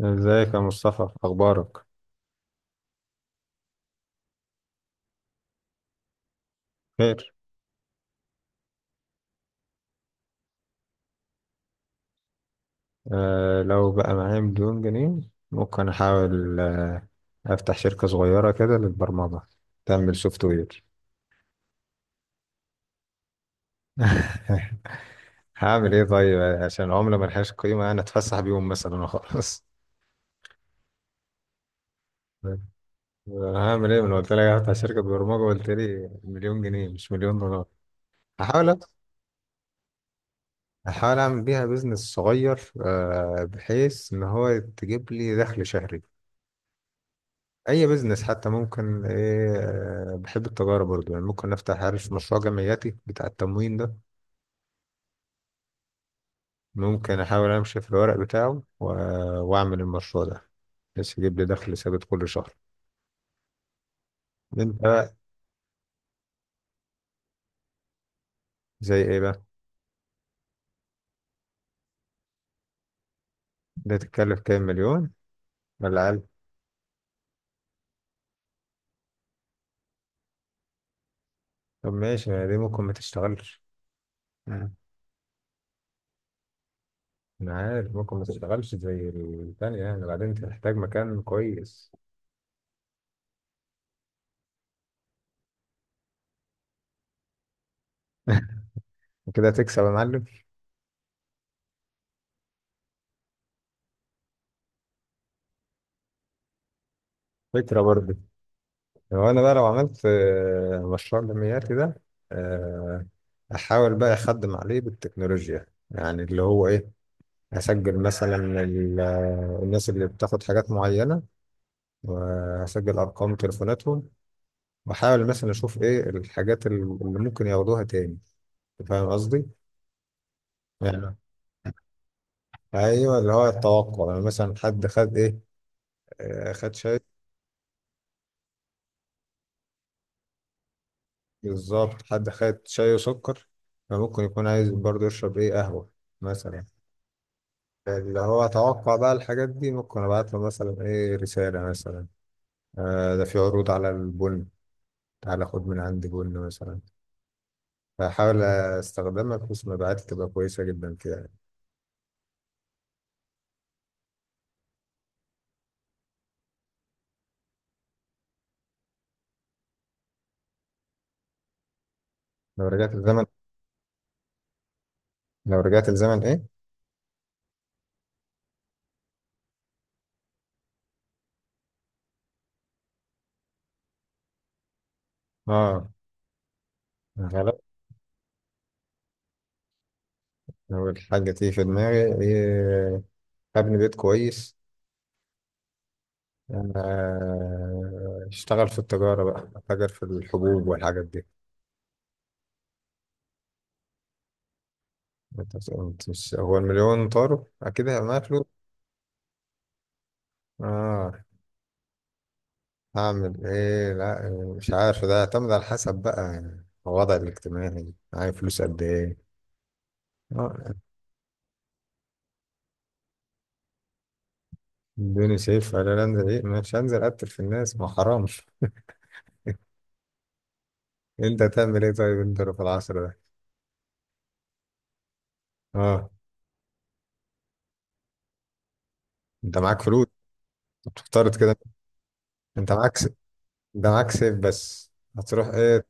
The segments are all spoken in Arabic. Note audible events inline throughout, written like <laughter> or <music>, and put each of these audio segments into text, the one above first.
ازيك يا مصطفى، اخبارك؟ خير. آه، لو بقى معايا مليون جنيه ممكن احاول افتح شركة صغيرة كده للبرمجة. تعمل سوفت وير. <laughs> هعمل ايه طيب؟ عشان العملة ملهاش قيمة انا اتفسح بيهم مثلا <laughs> وخلاص. هعمل ايه؟ من قلت لك هفتح شركة برمجة قلت لي مليون جنيه مش مليون دولار. هحاول. هحاول اعمل بيها بيزنس صغير، بحيث ان هو تجيب لي دخل شهري. اي بزنس حتى، ممكن ايه، بحب التجاره برضو، يعني ممكن افتح، عارف، مشروع جمعياتي بتاع التموين ده. ممكن احاول امشي في الورق بتاعه واعمل المشروع ده، بس يجيب لي دخل ثابت كل شهر. انت بقى؟ زي ايه بقى؟ ده تتكلف كام مليون؟ ولا اقل؟ طب ماشي، ما دي ممكن ما تشتغلش. مم. انا عارف ممكن ما تشتغلش زي الثانيه، يعني بعدين تحتاج مكان كويس. وكده هتكسب يا معلم. فكره برضو. هو انا بقى لو عملت مشروع جمعياتي ده، آه، احاول بقى اخدم عليه بالتكنولوجيا، يعني اللي هو ايه. هسجل مثلا الناس اللي بتاخد حاجات معينة، وهسجل ارقام تليفوناتهم، واحاول مثلا اشوف ايه الحاجات اللي ممكن ياخدوها تاني. فاهم قصدي؟ يعني ايوه، اللي هو التوقع. يعني مثلا حد خد ايه، خد شاي. بالظبط، حد خد شاي وسكر، فممكن يكون عايز برضه يشرب ايه، قهوة مثلا. اللي هو اتوقع بقى الحاجات دي، ممكن ابعت له مثلا ايه، رسالة مثلا. ده في عروض على البن، تعالى خد من عندي بن مثلا. فاحاول استخدمها بحيث مبيعاتي تبقى كويسة جدا كده، يعني. لو رجعت الزمن. لو رجعت الزمن ايه؟ اه، غلط. لو الحاجة تيجي في دماغي ايه؟ ابني بيت كويس. اشتغل في التجارة بقى، اتاجر في الحبوب والحاجات دي. انت- انت مش- هو المليون طاروا؟ اكيد هيبقى معايا فلوس. اه. هعمل ايه؟ لا، مش عارف، ده يعتمد على حسب بقى، يعني الوضع الاجتماعي معايا فلوس قد ايه. اه. الدنيا شايف، انا لا انزل ايه، مش هنزل اقتل في الناس، ما حرامش. انت هتعمل ايه طيب، انت لو في العصر ده؟ اه. انت معاك فلوس؟ بتفترض كده؟ انت معاك س... انت معاك سيف بس، هتروح ايه؟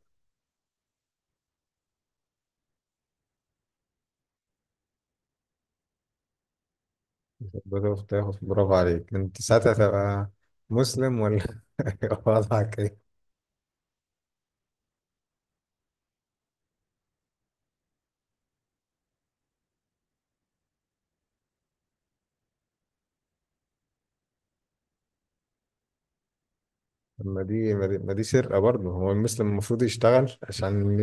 بتروح تاخد، برافو عليك انت ساعتها. تبقى مسلم ولا <laughs> وضعك ايه؟ ما دي ما دي ما دي سرقة برضه، هو المسلم المفروض يشتغل عشان.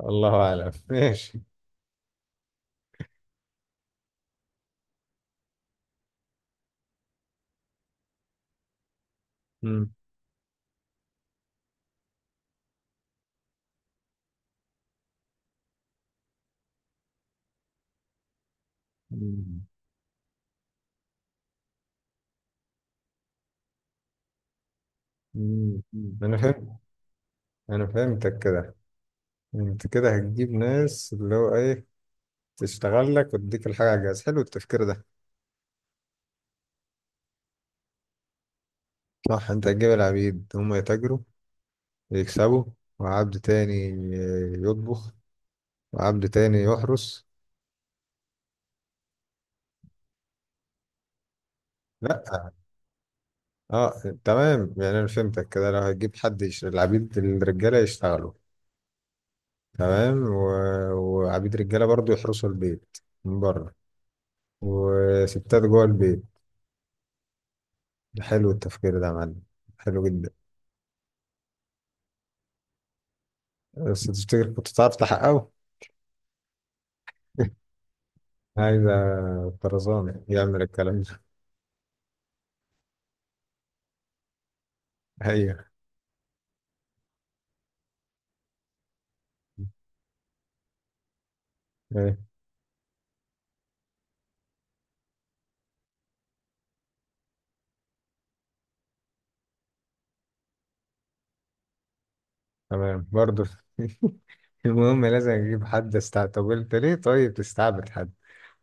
الله اعلم <laughs> ماشي. مم. مم. مم. انا فهمت. انا فهمتك كده. انت كده هتجيب ناس اللي هو ايه، تشتغل لك وتديك الحاجه على الجهاز. حلو التفكير ده. صح، انت هتجيب العبيد هم يتاجروا، يكسبوا، وعبد تاني يطبخ، وعبد تاني يحرس. لا. اه تمام، يعني انا فهمتك كده، لو هتجيب حد العبيد الرجاله يشتغلوا، تمام، وعبيد رجاله برضو يحرسوا البيت من بره، وستات جوه البيت. حلو التفكير ده يا معلم. حلو جدا. بس تفتكر كنت تعرف تحققه؟ <laughs> عايز طرزان يعمل الكلام ده. ايوه. ايه؟ تمام برضه. <laughs> المهم لازم اجيب حد استعبد. طب انت ليه طيب تستعبد حد؟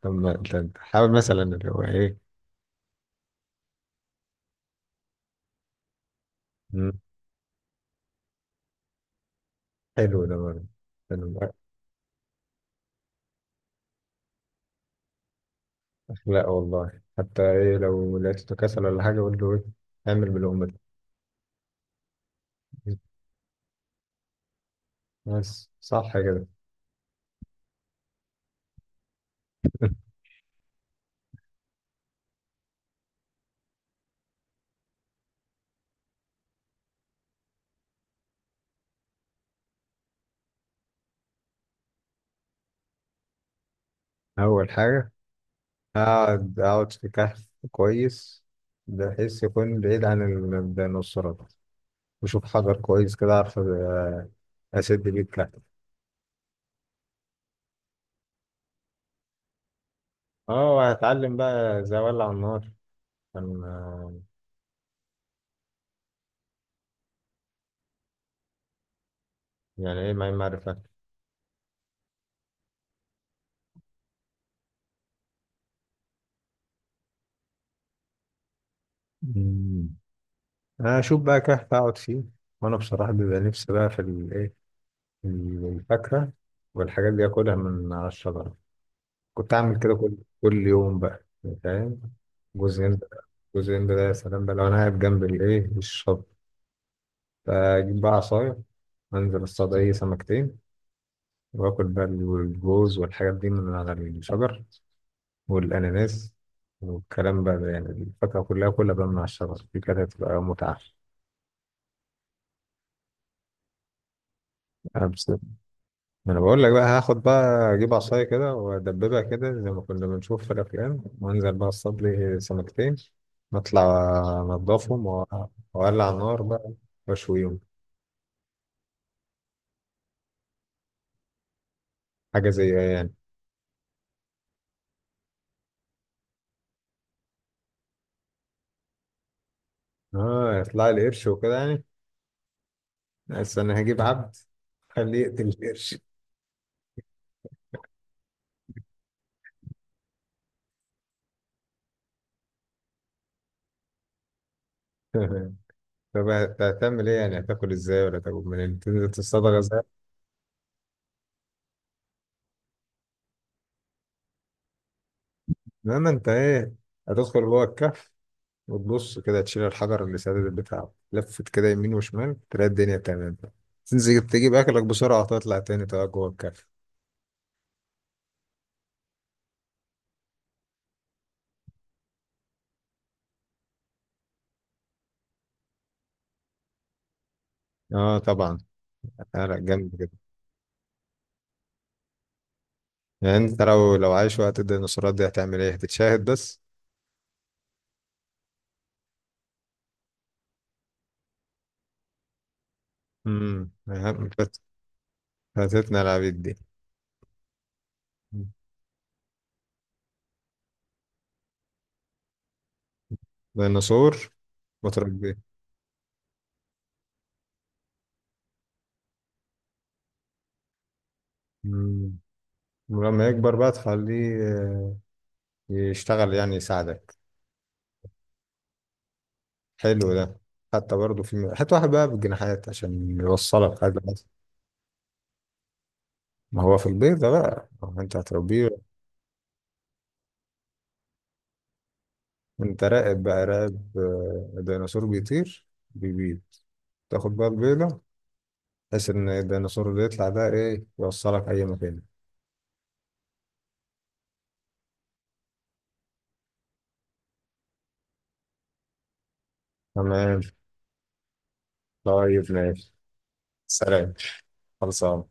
طب ما أنت- أنت حاول مثلا، اللي هو ايه. مم. حلو ده برضه. حلو. اخلاق والله. حتى ايه، لو لقيته كسل ولا حاجه قول له ايه؟ اعمل بالامه. بس صح كده. اول حاجه، أقعد في كهف كويس، بحيث يكون بعيد عن الديناصورات. وأشوف حجر كويس كده أعرف أسد بيه الكهف. أه، وهتعلم بقى إزاي أولع النار، عشان يعني إيه، ما معرفة. مم. أنا أشوف بقى كهف أقعد فيه. وأنا بصراحة بيبقى نفسي بقى في الإيه، الفاكهة والحاجات دي، أكلها من على الشجرة. كنت أعمل كده كل يوم بقى. فاهم؟ جوز هند. جوز هند ده يا سلام، بقى لو أنا قاعد جنب الإيه، الشط، فأجيب بقى عصاية، أنزل أصطاد أي سمكتين، وآكل بقى الجوز والحاجات دي من على الشجر، والأناناس، والكلام بقى ده، يعني الفاكهة كلها كلها بقى من على الشجر دي، كانت هتبقى متعة. أبس- ما أنا بقول لك بقى هاخد بقى، أجيب عصاية كده وأدببها كده زي ما كنا بنشوف في الأفلام، وأنزل بقى أصطاد لي سمكتين، نطلع أنضفهم وأولع النار بقى وأشويهم. حاجة زي يعني؟ يطلع لي قرش وكده يعني. بس أنا هجيب عبد خليه يقتل القرش. <laughs> تمام. طب هتعمل ايه يعني، هتاكل ازاي؟ ولا تاكل منين؟ تنزل تصطاد غزال؟ انما انت ايه، هتدخل جوه الكهف وتبص كده، تشيل الحجر اللي سادد بتاعه، لفت كده يمين وشمال، تلاقي الدنيا تمام. تنزل تجيب اكلك بسرعة وتطلع تاني تقعد جوه الكهف. اه طبعا، هتعرق جامد كده. يعني انت لو عايش وقت الديناصورات دي هتعمل ايه؟ هتتشاهد بس؟ امم. فاتتنا العبيد دي. ديناصور. وتربيه. ولما يكبر بقى تخليه يشتغل، يعني يساعدك. حلو ده. حتى برضه في حتى واحد بقى بالجناحات، عشان يوصلك حاجة بس. ما هو في البيت ده بقى، ما هو انت هتربيه. انت راقب بقى راقب. ديناصور بيطير، بيبيض، تاخد بقى البيضة، بحيث ان الديناصور اللي يطلع ده ايه، يوصلك اي مكان. تمام طيب ماشي. سلام. خلصان.